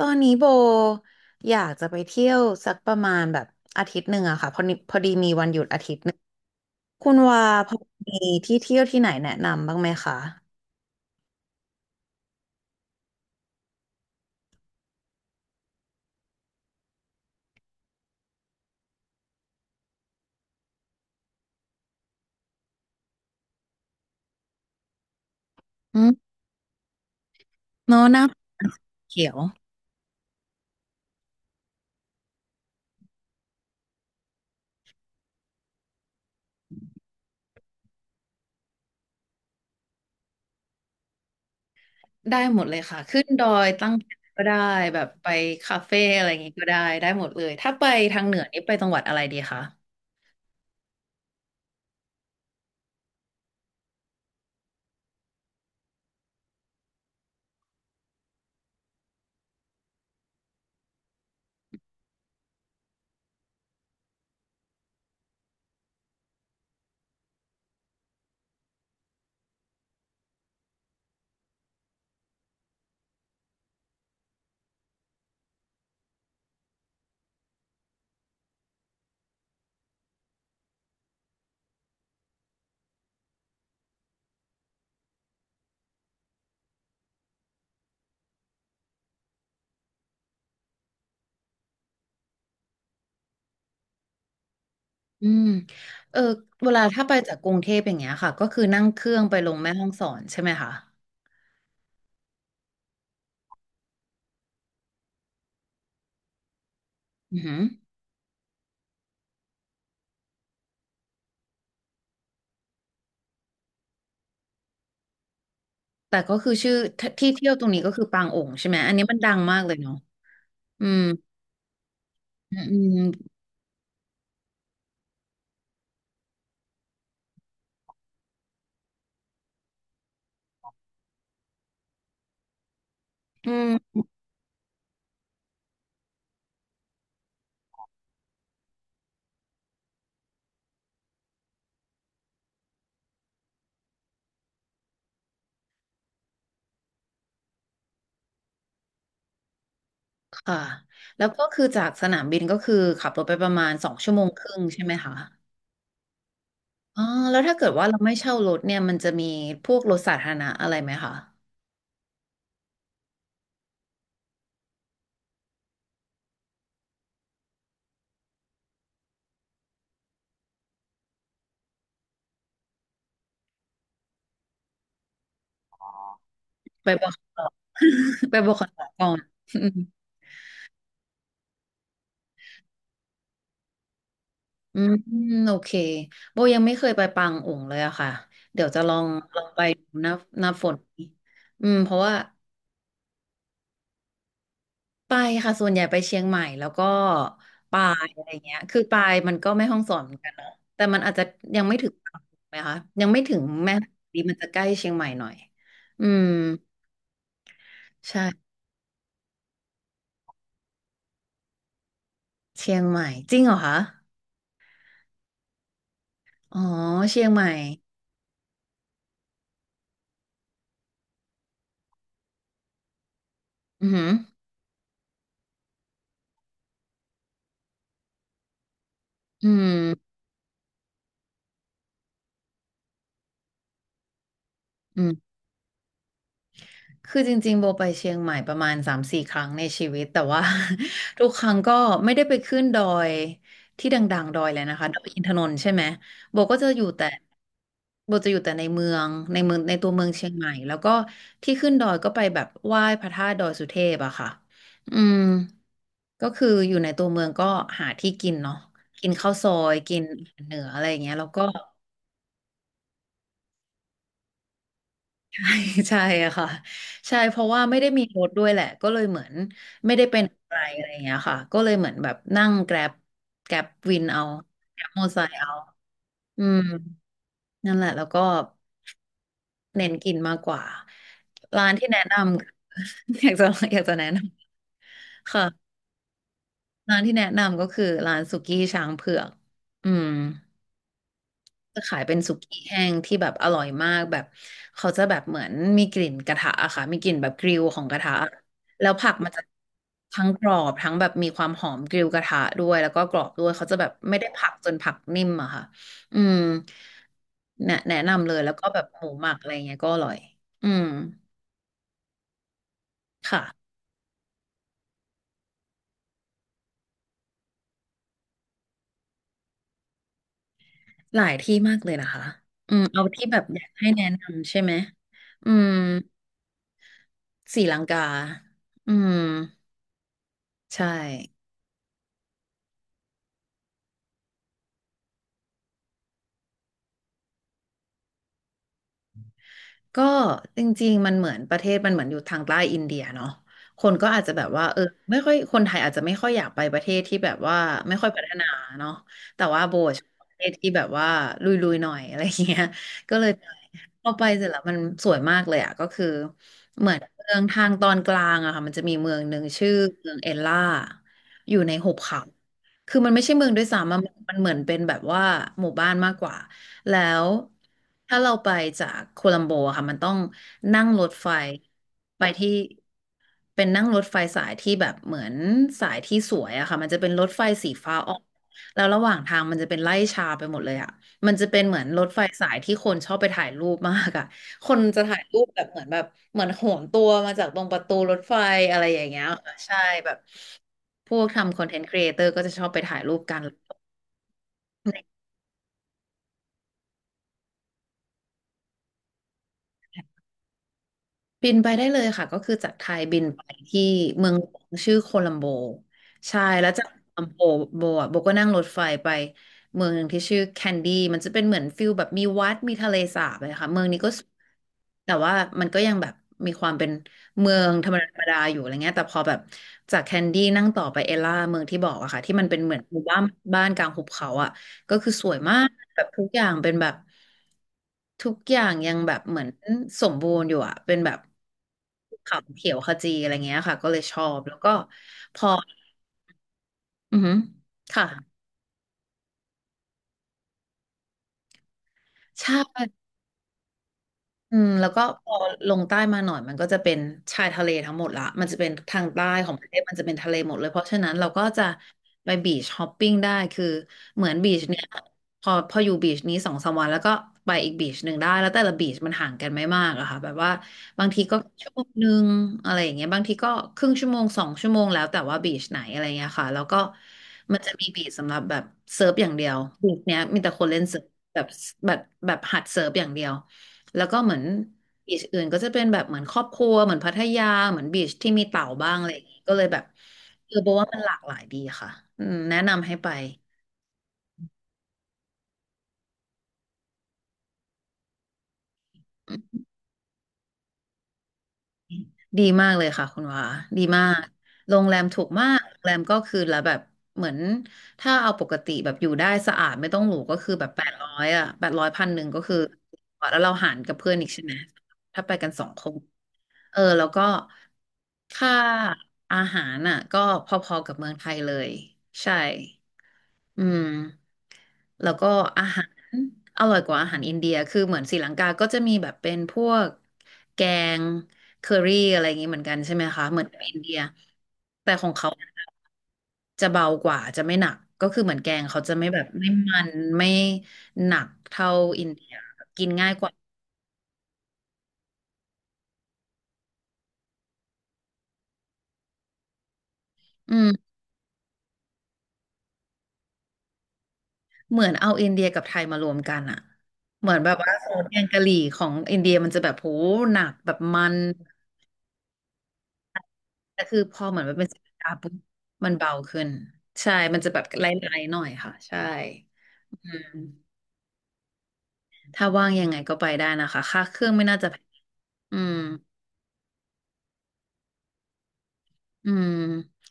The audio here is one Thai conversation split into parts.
ตอนนี้โบอยากจะไปเที่ยวสักประมาณแบบอาทิตย์หนึ่งอะค่ะพอดีพอดีมีวันหยุดอาทิตย์หนึ่งคุณว่าพอมีที่เที่ยวที่ไหนแนะนำบ้างไหมคะอืมเนอะหน้าเขียวได้หมดเลยค่ะขึ้นดอยตั้งแคมป์ก็ได้แบบไปคาเฟ่อะไรอย่างงี้ก็ได้ได้หมดเลยถ้าไปทางเหนือนี่ไปจังหวัดอะไรดีคะอืมเออเวลาถ้าไปจากกรุงเทพอย่างเงี้ยค่ะก็คือนั่งเครื่องไปลงแม่ฮ่องสอนใช่ไหมคะอือหือ แต่ก็คือชื่อที่เที่ยวตรงนี้ก็คือปางโองใช่ไหมอันนี้มันดังมากเลยเนาะอืมอืมอืมอืมค่ะแล้วก็คือจากสนามบินก็คือขับรถไปประมาณ2 ชั่วโมงครึ่งใช่ไหมคะอ๋อแล้วถ้าเกิดว่าเราไม่เช่ารถเนี่ยมันจะมีพวกรถสาธารณะอะไรไหมคะไปบอกต่อ ไปบอกขอก่อนอืมอืมโอเคโบยังไม่เคยไปปางอุองเลยอะค่ะเดี๋ยวจะลองไปดูหน้าหน้าฝนนี้อืมเพราะว่า ไปค่ะส่วนใหญ่ไปเชียงใหม่แล้วก็ปายอะไรเงี้ยคือปายมันก็ไม่ห้องสอนเหมือนกันเนาะแต่มันอาจจะยังไม่ถึงตรังถูกไหมคะยังไม่ถึงแม่ฮ่องสอนดีมันจะใกล้เชียงใหม่หน่อยอืมใช่เชียงใหม่จริงเหรอคะอ๋อเชียงใหม่อือหืออืมอืม คือจริงๆโบไปเชียงใหม่ประมาณสามสี่ครั้งในชีวิตแต่ว่า ทุกครั้งก็ไม่ได้ไปขึ้นดอยที่ดังๆดอยเลยนะคะดอยอินทนนท์ใช่ไหมโบก็จะอยู่แต่โบจะอยู่แต่ในเมืองในเมืองในตัวเมืองเชียงใหม่แล้วก็ที่ขึ้นดอยก็ไปแบบไหว้พระธาตุดอยสุเทพอะค่ะอืมก็คืออยู่ในตัวเมืองก็หาที่กินเนาะกินข้าวซอยกินอาหารเหนืออะไรอย่างเงี้ยแล้วก็ ใช่อะค่ะใช่เพราะว่าไม่ได้มีรถด้วยแหละก็เลยเหมือนไม่ได้เป็นอะไรอะไรอย่างเงี้ยค่ะก็เลยเหมือนแบบนั่งแกร็บแกร็บวินเอาแกร็บมอเตอร์ไซค์เอาอืมนั่นแหละแล้วก็เน้นกินมากกว่าร้านที่แนะนำ อยากจะอยากจะแนะนำค่ะร้านที่แนะนำก็คือร้านสุกี้ช้างเผือกอืม จะขายเป็นสุกี้แห้งที่แบบอร่อยมากแบบเขาจะแบบเหมือนมีกลิ่นกระทะอะค่ะมีกลิ่นแบบกริลของกระทะแล้วผักมันจะทั้งกรอบทั้งแบบมีความหอมกริลกระทะด้วยแล้วก็กรอบด้วยเขาจะแบบไม่ได้ผักจนผักนิ่มอะค่ะอืมแนะนำเลยแล้วก็แบบหมูหมักอะไรเงี้ยก็อร่อยอืมค่ะหลายที่มากเลยนะคะอืมเอาที่แบบอยากให้แนะนำใช่ไหมอืมศรีลังกาอืมใช่ ก็จริงๆมันเหมือนประเทศมันเหมือนอยู่ทางใต้อินเดียเนาะคนก็อาจจะแบบว่าเออไม่ค่อยคนไทยอาจจะไม่ค่อยอยากไปประเทศที่แบบว่าไม่ค่อยพัฒนาเนาะแต่ว่าโบชอบประเทศที่แบบว่าลุยๆหน่อยอะไรอย่างเงี้ยก็เลยไปพอไปเสร็จแล้วมันสวยมากเลยอ่ะก็คือเหมือนเมืองทางตอนกลางอะค่ะมันจะมีเมืองหนึ่งชื่อเมืองเอลล่าอยู่ในหุบเขาคือมันไม่ใช่เมืองด้วยซ้ำอะมันเหมือนเป็นแบบว่าหมู่บ้านมากกว่า แล้วถ้าเราไปจากโคลัมโบอะค่ะมันต้องนั่งรถไฟไปที่เป็นนั่งรถไฟสายที่แบบเหมือนสายที่สวยอะค่ะมันจะเป็นรถไฟสีฟ้าออกแล้วระหว่างทางมันจะเป็นไร่ชาไปหมดเลยอะมันจะเป็นเหมือนรถไฟสายที่คนชอบไปถ่ายรูปมากอะคนจะถ่ายรูปแบบเหมือนแบบเหมือนโหนตัวมาจากตรงประตูรถไฟอะไรอย่างเงี้ยใช่แบบพวกทำคอนเทนต์ครีเอเตอร์ก็จะชอบไปถ่ายรูปกัน บินไปได้เลยค่ะก็คือจากไทยบินไปที่เมืองหลวงชื่อโคลัมโบใช่แล้วจากโคลัมโบโบอ่ะโบก็นั่งรถไฟไปเมืองหนึ่งที่ชื่อแคนดี้มันจะเป็นเหมือนฟิลแบบมีวัดมีทะเลสาบเลยค่ะเมืองนี้ก็สวยแต่ว่ามันก็ยังแบบมีความเป็นเมืองธรรมดาธรรมดาอยู่อะไรเงี้ยแต่พอแบบจากแคนดี้นั่งต่อไปเอล่าเมืองที่บอกอะค่ะที่มันเป็นเหมือนหมู่บ้านบ้านกลางหุบเขาอะ ก็คือสวยมากแบบทุกอย่างเป็นแบบทุกอย่างยังแบบเหมือนสมบูรณ์อยู่อะเป็นแบบเขาเขียวขจีอะไรเงี้ยค่ะก็เลยชอบแล้วก็พออือหือค่ะใช่ อืมแล้วก็พอลงใต้มาหน่อยมันก็จะเป็นชายทะเลทั้งหมดละมันจะเป็นทางใต้ของประเทศมันจะเป็นทะเลหมดเลยเพราะฉะนั้นเราก็จะไปบีชฮอปปิ้งได้คือเหมือนบีชเนี่ยพออยู่บีชนี้สองสามวันแล้วก็ไปอีกบีชหนึ่งได้แล้วแต่ละบีชมันห่างกันไม่มากอะค่ะแบบว่าบางทีก็ชั่วโมงหนึ่งอะไรอย่างเงี้ยบางทีก็ครึ่งชั่วโมง2 ชั่วโมงแล้วแต่ว่าบีชไหนอะไรเงี้ยค่ะแล้วก็มันจะมีบีชสำหรับแบบเซิร์ฟอย่างเดียวบีชเนี้ยมีแต่คนเล่นเซิร์ฟแบบแบบแบบหัดเซิร์ฟอย่างเดียว แล้วก็เหมือนบีชอื่นก็จะเป็นแบบเหมือนครอบครัวเหมือนพัทยาเหมือนบีชที่มีเต่าบ้างอะไรอย่างงี้ก็เลยแบบเออบอกว่ามันหลากหลายดีค่ะอืมแนะนำให้ไปดีมากเลยค่ะคุณวาดีมากโรงแรมถูกมากโรงแรมก็คือละแบบเหมือนถ้าเอาปกติแบบอยู่ได้สะอาดไม่ต้องหรูก็คือแบบแปดร้อยอะแปดร้อย1,000ก็คือแล้วเราหารกับเพื่อนอีกใช่ไหมถ้าไปกันสองคน เออแล้วก็ค่าอาหารน่ะก็พอๆกับเมืองไทยเลยใช่อืมแล้วก็อาหารอร่อยกว่าอาหารอินเดียคือเหมือนศรีลังกา ก็จะมีแบบเป็นพวกแกงเคอรี่อะไรอย่างนี้เหมือนกันใช่ไหมคะเหมือนกับอินเดียแต่ของเขาจะเบากว่าจะไม่หนักก็คือเหมือนแกงเขาจะไม่แบบไม่มันไม่หนักเท่าอินเดียกินง่ายกว่าอืม เหมือนเอาอินเดียกับไทยมารวมกันอะเหมือนแบบว่าซอสแกงกะหรี่ของอินเดียมันจะแบบโหหนักแบบมันแต่คือพอเหมือนมันเป็นสปาร์ปุ๊บมันเบาขึ้นใช่มันจะแบบไล่ๆหน่อยค่ะใช่อืมถ้าว่างยังไงก็ไปได้นะคะค่าเครื่องไม่น่าจะแพงอืมอืม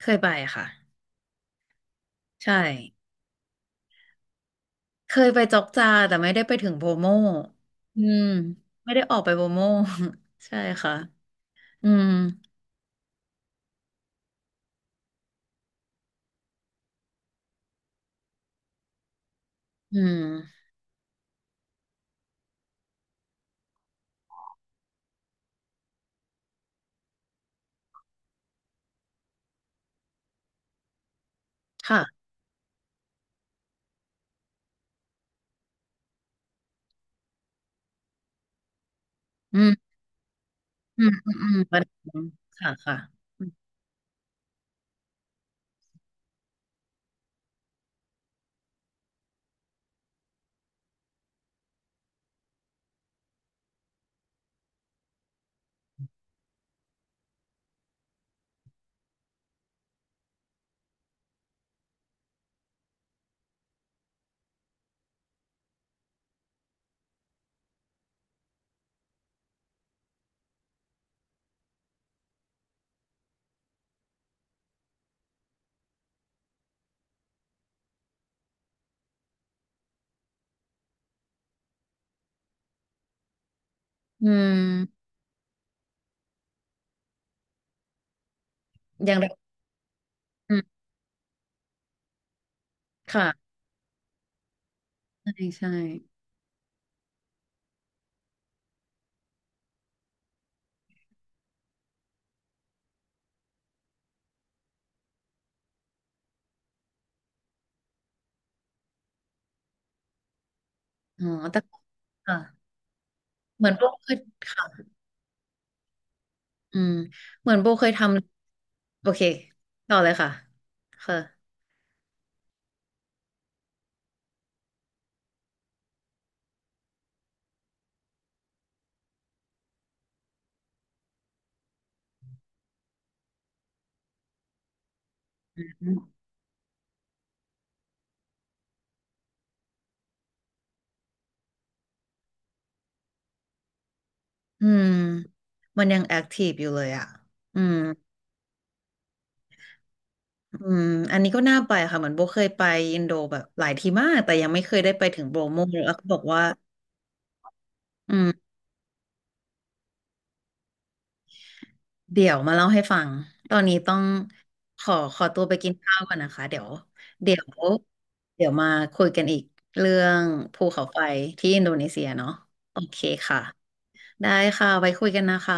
เคยไปค่ะใช่เคยไปจอกจาแต่ไม่ได้ไปถึงโบโมอืมไม่ได้ออกไปโบโม ใช่ค่ะอืมอืมค่ะอืม อืมอืมอืมประเด็นค่ะค่ะอืมอย่างไรอืมค่ะใช่ใช่อ๋อแต่ค่ะเหมือนโบเคยค่ะอืมเหมือนโบเคยทำโอเคต่อเลยค่ะค่ะอืมมันยังแอคทีฟอยู่เลยอ่ะอืมอืมอันนี้ก็น่าไปค่ะเหมือนโบเคยไปอินโดแบบหลายทีมากแต่ยังไม่เคยได้ไปถึงโบโมเลยแล้วเขบอกว่าอืม เดี๋ยวมาเล่าให้ฟัง ตอนนี้ต้องขอขอตัวไปกินข้าวก่อนนะคะเดี๋ยวเดี๋ยวมาคุยกันอีกเรื่องภูเขาไฟที่อินโดนีเซียเนาะโอเคค่ะ ได้ค่ะไว้คุยกันนะคะ